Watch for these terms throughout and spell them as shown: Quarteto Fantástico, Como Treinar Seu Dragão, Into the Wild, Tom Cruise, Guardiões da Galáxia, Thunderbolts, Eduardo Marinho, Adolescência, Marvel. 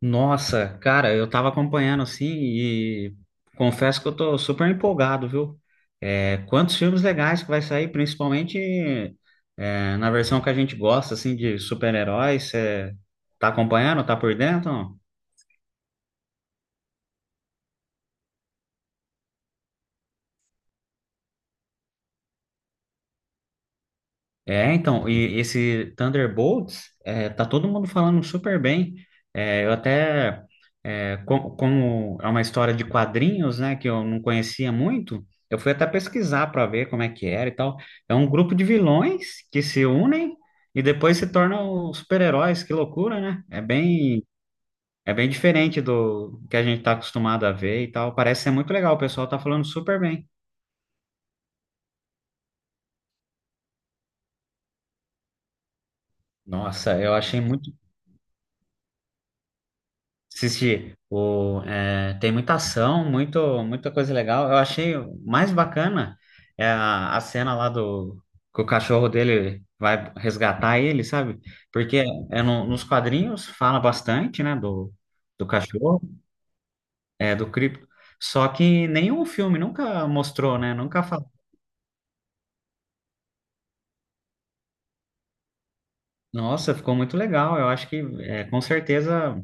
Nossa, cara, eu tava acompanhando assim e confesso que eu tô super empolgado, viu? É, quantos filmes legais que vai sair, principalmente na versão que a gente gosta, assim, de super-heróis. Você tá acompanhando? Tá por dentro? E esse Thunderbolts, tá todo mundo falando super bem. Eu até como é uma história de quadrinhos, né, que eu não conhecia muito, eu fui até pesquisar para ver como é que era e tal. É um grupo de vilões que se unem e depois se tornam super-heróis, que loucura, né? É bem diferente do que a gente tá acostumado a ver e tal. Parece ser muito legal, o pessoal tá falando super bem. Nossa, eu achei muito. Assisti. Tem muita ação, muita coisa legal. Eu achei o mais bacana é a cena lá do que o cachorro dele vai resgatar ele, sabe? Porque nos quadrinhos fala bastante, né, do cachorro, do cripto. Só que nenhum filme nunca mostrou, né? Nunca. Nossa, ficou muito legal. Eu acho que é, com certeza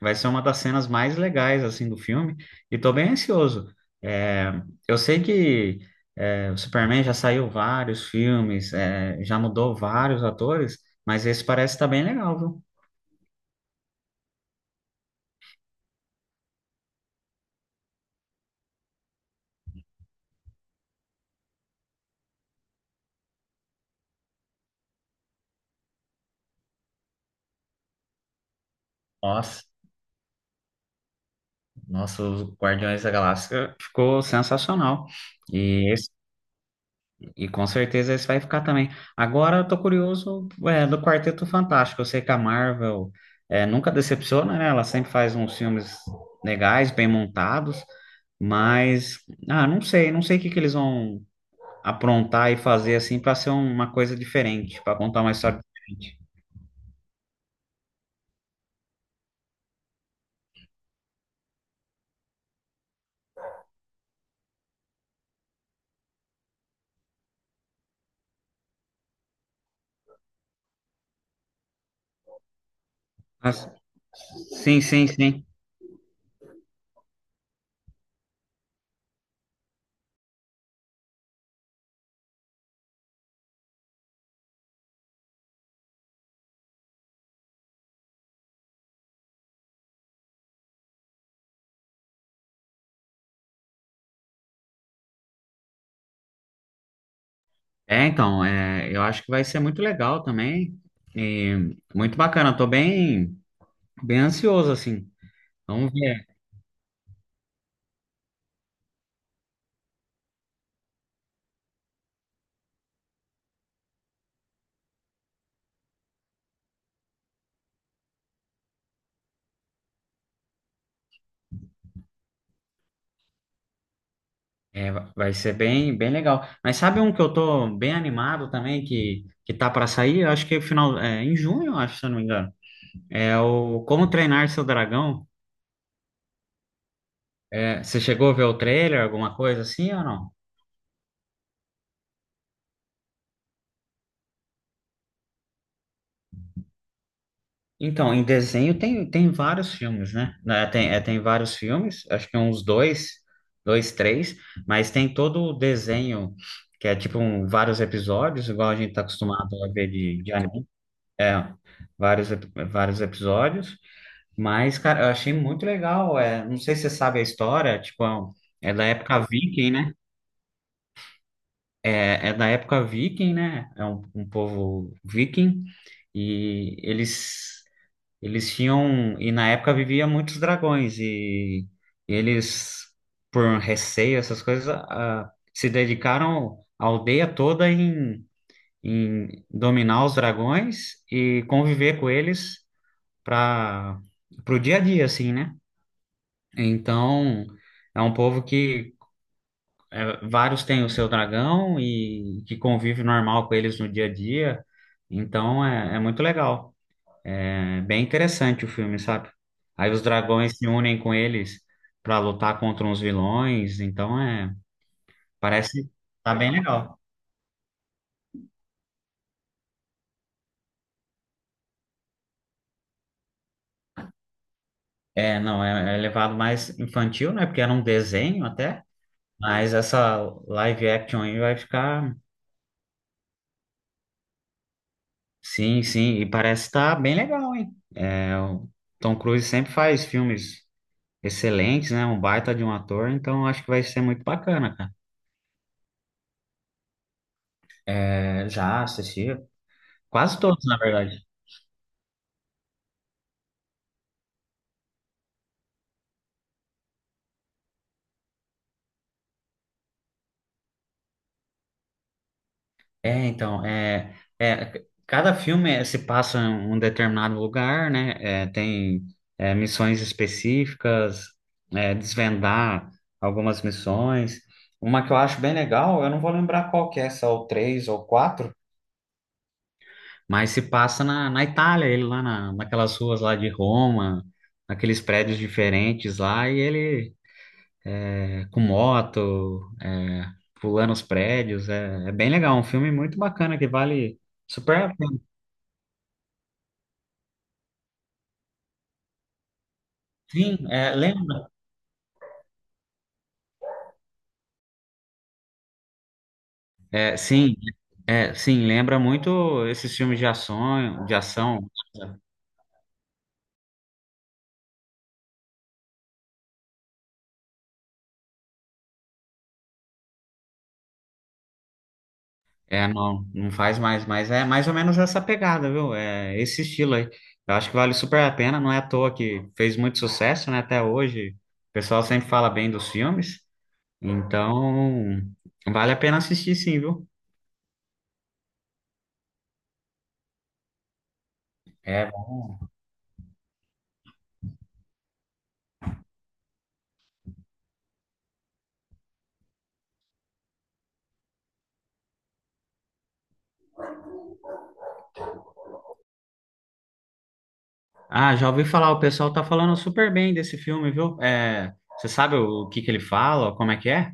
vai ser uma das cenas mais legais assim do filme. E tô bem ansioso. É, eu sei que o Superman já saiu vários filmes, já mudou vários atores, mas esse parece estar bem legal, viu? Nossa, nossa, os Guardiões da Galáxia ficou sensacional. E E com certeza esse vai ficar também. Agora eu tô curioso, do Quarteto Fantástico. Eu sei que a Marvel nunca decepciona, né? Ela sempre faz uns filmes legais, bem montados, mas ah, não sei, não sei o que que eles vão aprontar e fazer assim para ser uma coisa diferente, para contar uma história diferente. Mas, sim, sim, sim. É, então, é, eu acho que vai ser muito legal também. E muito bacana, bem ansioso assim. Vamos ver. É, vai ser bem legal. Mas sabe um que eu tô bem animado também, que tá para sair? Eu acho que é final, em junho, eu acho, se eu não me engano. É o Como Treinar Seu Dragão. É, você chegou a ver o trailer, alguma coisa assim ou não? Então, em desenho tem, tem vários filmes, né? Né, tem, tem vários filmes, acho que uns dois, dois, três, mas tem todo o desenho, que é tipo vários episódios, igual a gente tá acostumado a ver de anime. É, vários, ep- vários episódios. Mas, cara, eu achei muito legal. É, não sei se você sabe a história, tipo, é da época viking, né? É, é da época viking, né? É um povo viking e eles tinham e na época vivia muitos dragões e, eles por receio essas coisas ah, se dedicaram a aldeia toda em dominar os dragões e conviver com eles para pro dia a dia, assim, né? Então, é um povo que vários têm o seu dragão e que convive normal com eles no dia a dia. Então, é muito legal. É bem interessante o filme, sabe? Aí os dragões se unem com eles para lutar contra uns vilões. Então, é, parece tá bem legal. É, não, é levado mais infantil, né? Porque era um desenho até. Mas essa live action aí vai ficar. Sim, sim, e parece estar bem legal, hein? É, o Tom Cruise sempre faz filmes excelentes, né? Um baita de um ator, então acho que vai ser muito bacana, cara. É, já assisti quase todos, na verdade. É, então, é, Cada filme é, se passa em um determinado lugar, né? Tem missões específicas, desvendar algumas missões. Uma que eu acho bem legal, eu não vou lembrar qual que é, se é o 3 ou quatro. Mas se passa na Itália, ele lá naquelas ruas lá de Roma, naqueles prédios diferentes lá, e ele com moto, pulando os prédios, é bem legal, um filme muito bacana que vale super a pena. Sim, é, lembra? É, sim, é, sim, lembra muito esses filmes de ação, de ação. É, não, não faz mais, mas é mais ou menos essa pegada, viu? É esse estilo aí. Eu acho que vale super a pena, não é à toa que fez muito sucesso, né? Até hoje, o pessoal sempre fala bem dos filmes, então vale a pena assistir sim, viu? É. Ah, já ouvi falar, o pessoal tá falando super bem desse filme, viu? É, você sabe o que que ele fala, como é que é?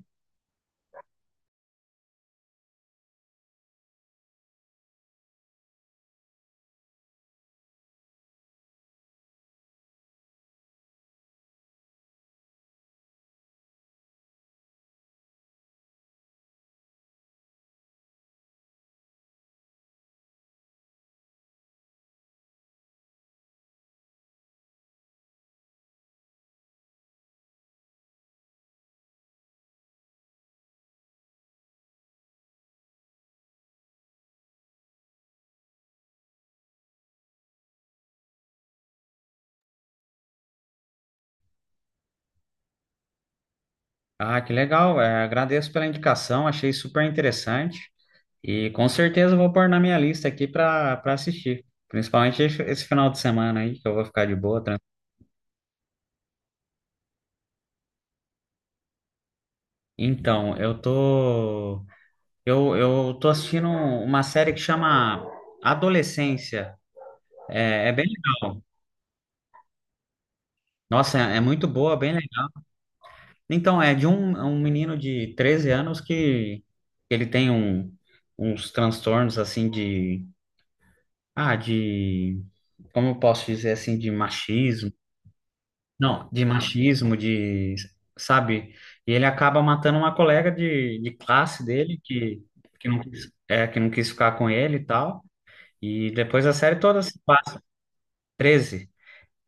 Ah, que legal, é, agradeço pela indicação, achei super interessante. E com certeza eu vou pôr na minha lista aqui para assistir. Principalmente esse final de semana aí, que eu vou ficar de boa. Tran-. Então, eu tô. Eu tô assistindo uma série que chama Adolescência. É, é bem legal. Nossa, é muito boa, bem legal. Então, é de um menino de 13 anos que ele tem um, uns transtornos assim de. Ah, de. Como eu posso dizer assim, de machismo. Não, de machismo, de, sabe? E ele acaba matando uma colega de classe dele que, que não quis ficar com ele e tal. E depois a série toda se passa. 13.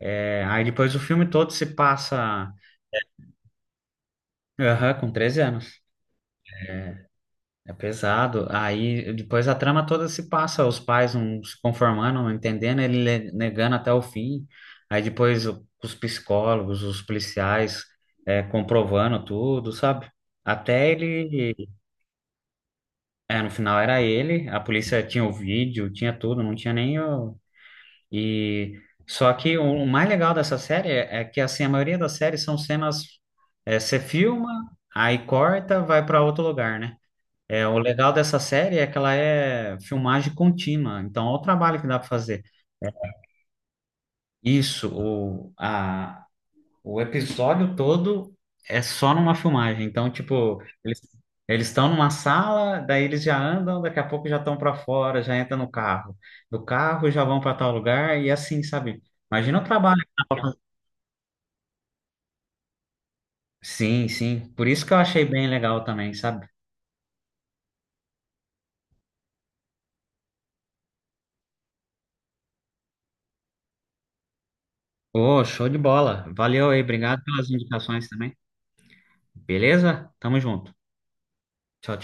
É, aí depois o filme todo se passa aham, com 13 anos. É pesado. Aí depois a trama toda se passa, os pais não se conformando, não entendendo, negando até o fim. Aí depois os psicólogos, os policiais, comprovando tudo, sabe? Até ele. É, no final era ele, a polícia tinha o vídeo, tinha tudo, não tinha nem o... E... Só que o mais legal dessa série é que, assim, a maioria das séries são cenas... É, você filma, aí corta, vai para outro lugar, né? É, o legal dessa série é que ela é filmagem contínua, então olha o trabalho que dá para fazer. Isso, o episódio todo é só numa filmagem. Então, tipo, eles estão numa sala, daí eles já andam, daqui a pouco já estão para fora, já entram no carro. Do carro já vão para tal lugar e assim, sabe? Imagina o trabalho. Sim, sim. Por isso que eu achei bem legal também, sabe? Ô, show de bola. Valeu aí, obrigado pelas indicações também. Beleza? Tamo junto. Tchau, tchau.